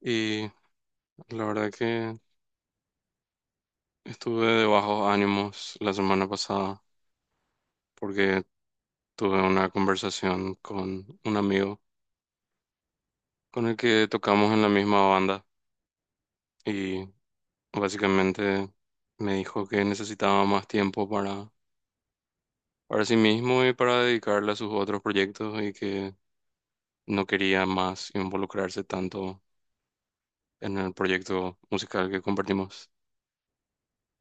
Y la verdad que estuve de bajos ánimos la semana pasada porque tuve una conversación con un amigo con el que tocamos en la misma banda y básicamente me dijo que necesitaba más tiempo para sí mismo y para dedicarle a sus otros proyectos y que no quería más involucrarse tanto en el proyecto musical que compartimos.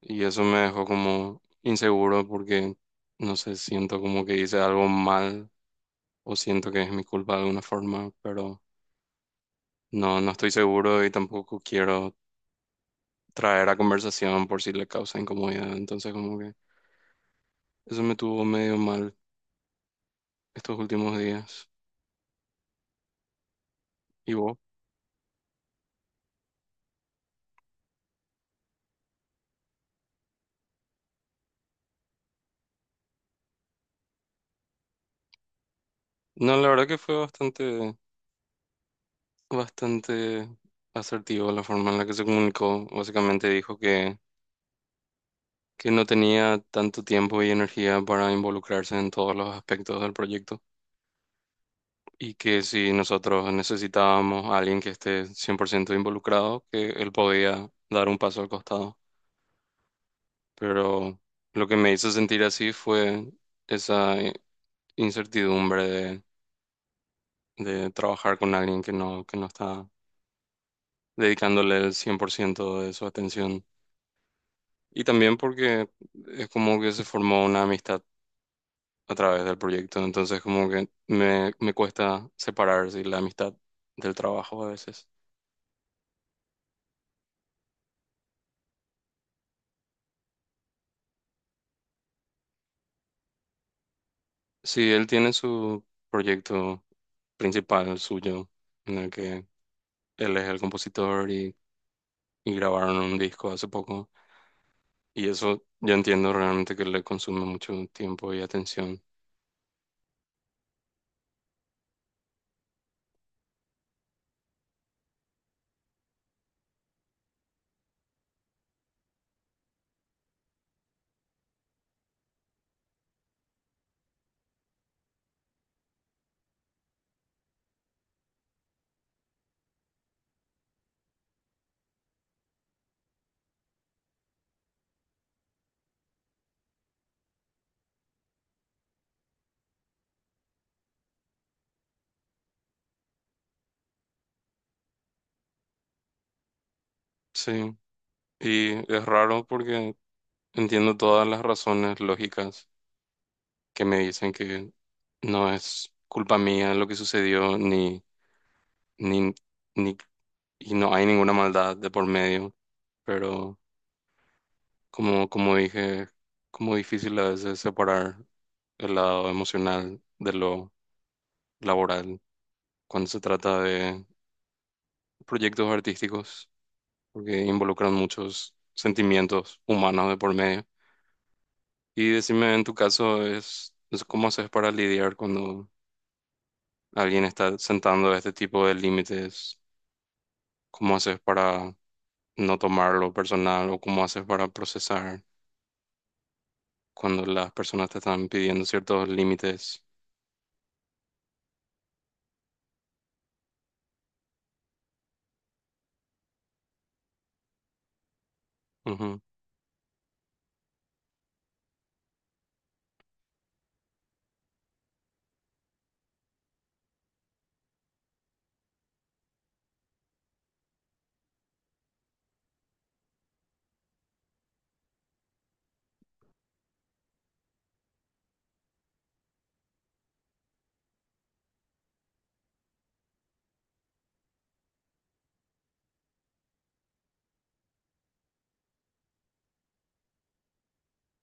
Y eso me dejó como inseguro porque, no sé, siento como que hice algo mal o siento que es mi culpa de alguna forma, pero no estoy seguro y tampoco quiero traer a conversación por si le causa incomodidad. Entonces, como que eso me tuvo medio mal estos últimos días. ¿Y vos? No, la verdad que fue bastante asertivo la forma en la que se comunicó. Básicamente dijo que no tenía tanto tiempo y energía para involucrarse en todos los aspectos del proyecto. Y que si nosotros necesitábamos a alguien que esté 100% involucrado, que él podía dar un paso al costado. Pero lo que me hizo sentir así fue esa incertidumbre de trabajar con alguien que que no está dedicándole el 100% de su atención. Y también porque es como que se formó una amistad a través del proyecto. Entonces como que me cuesta separar, sí, la amistad del trabajo a veces. Sí, él tiene su proyecto principal suyo, en el que él es el compositor y grabaron un disco hace poco. Y eso yo entiendo realmente que le consume mucho tiempo y atención. Sí, y es raro porque entiendo todas las razones lógicas que me dicen que no es culpa mía lo que sucedió, ni, ni, ni, y no hay ninguna maldad de por medio, pero como dije, como difícil a veces separar el lado emocional de lo laboral cuando se trata de proyectos artísticos, porque involucran muchos sentimientos humanos de por medio. Y decime, en tu caso, es cómo haces para lidiar cuando alguien está sentando este tipo de límites, cómo haces para no tomarlo personal o cómo haces para procesar cuando las personas te están pidiendo ciertos límites. Ujú,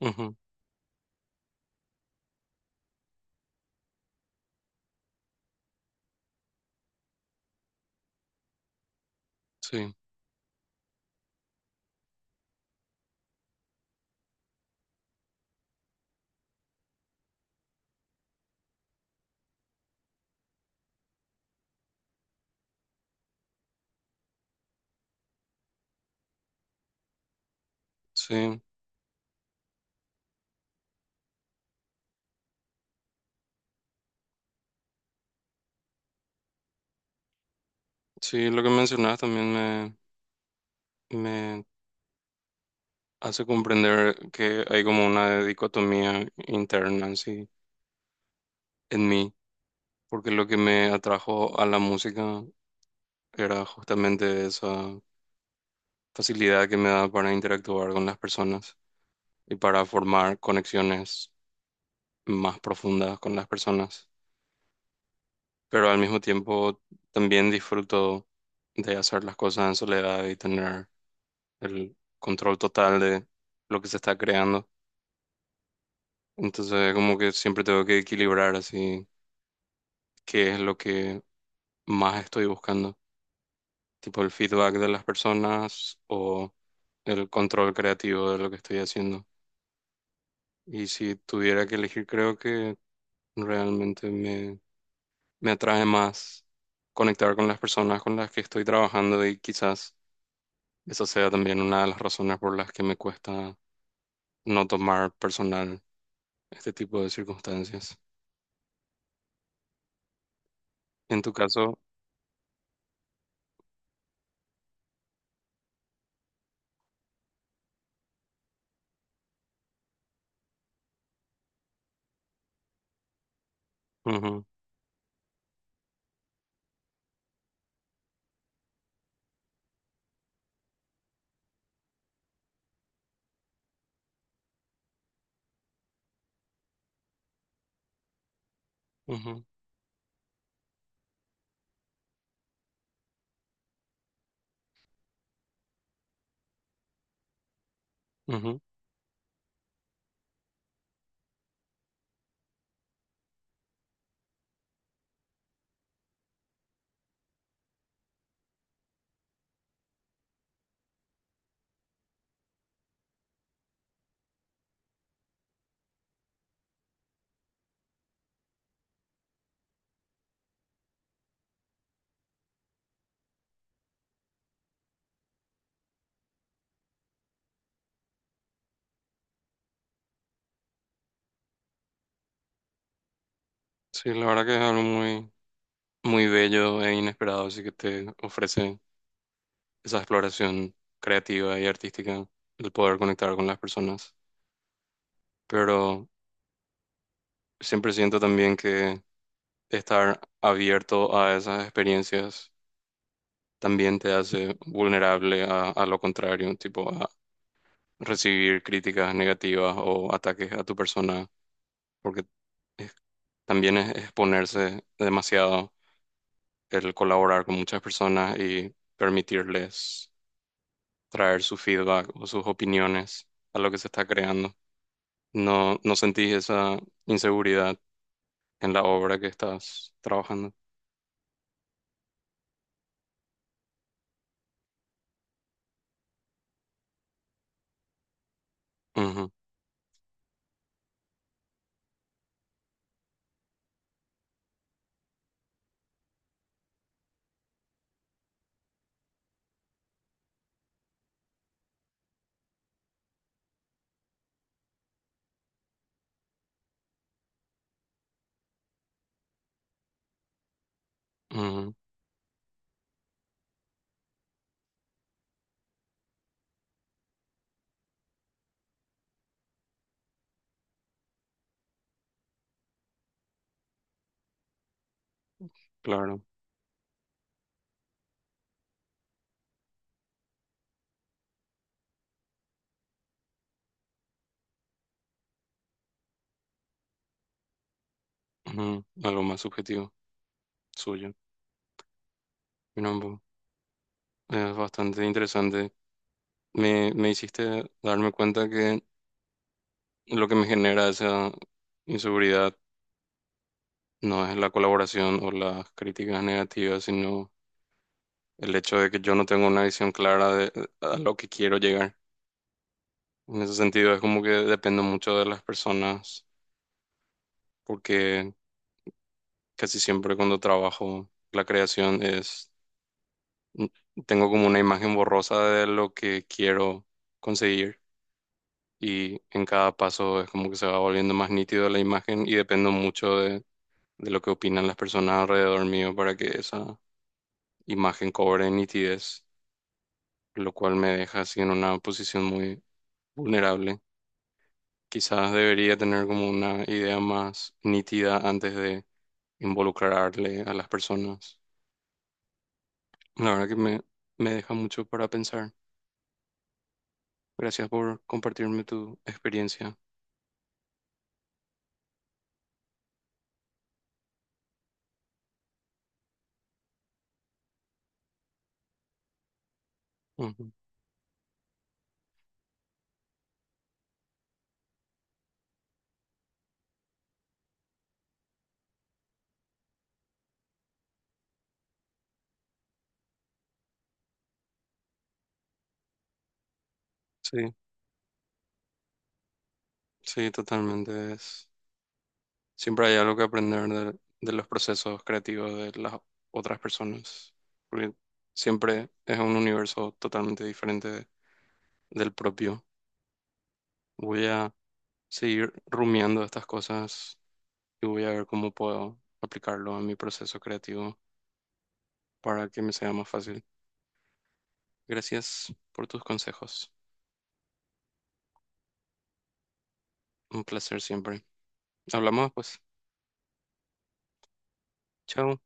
ujú, sí, sí, sí, lo que mencionas también me me hace comprender que hay como una dicotomía interna así en mí, porque lo que me atrajo a la música era justamente esa facilidad que me da para interactuar con las personas y para formar conexiones más profundas con las personas. Pero al mismo tiempo también disfruto de hacer las cosas en soledad y tener el control total de lo que se está creando. Entonces, como que siempre tengo que equilibrar así qué es lo que más estoy buscando, tipo el feedback de las personas o el control creativo de lo que estoy haciendo. Y si tuviera que elegir, creo que realmente me atrae más conectar con las personas con las que estoy trabajando y quizás esa sea también una de las razones por las que me cuesta no tomar personal este tipo de circunstancias. En tu caso, ujú, ujú, ujú. Sí, la verdad que es algo muy bello e inesperado, así que te ofrece esa exploración creativa y artística, el poder conectar con las personas. Pero siempre siento también que estar abierto a esas experiencias también te hace vulnerable a lo contrario, tipo a recibir críticas negativas o ataques a tu persona, porque es- también es exponerse demasiado el colaborar con muchas personas y permitirles traer su feedback o sus opiniones a lo que se está creando. ¿No no sentís esa inseguridad en la obra que estás trabajando? Ujú, ujú, claro, ujú, algo más subjetivo suyo. Mira, bo, es bastante interesante. Me hiciste darme cuenta que lo que me genera esa inseguridad no es la colaboración o las críticas negativas, sino el hecho de que yo no tengo una visión clara de a lo que quiero llegar. En ese sentido, es como que dependo mucho de las personas porque casi siempre cuando trabajo la creación es, tengo como una imagen borrosa de lo que quiero conseguir y en cada paso es como que se va volviendo más nítido la imagen y dependo mucho de lo que opinan las personas alrededor mío para que esa imagen cobre nitidez, lo cual me deja así en una posición muy vulnerable. Quizás debería tener como una idea más nítida antes de involucrarle a las personas. La verdad que me deja mucho para pensar. Gracias por compartirme tu experiencia. Ujú. Sí, sí, totalmente. Es, siempre hay algo que aprender de los procesos creativos de las otras personas, porque siempre es un universo totalmente diferente de- del propio. Voy a seguir rumiando estas cosas y voy a ver cómo puedo aplicarlo a mi proceso creativo para que me sea más fácil. Gracias por tus consejos. Un placer siempre. Hablamos, pues. Chao.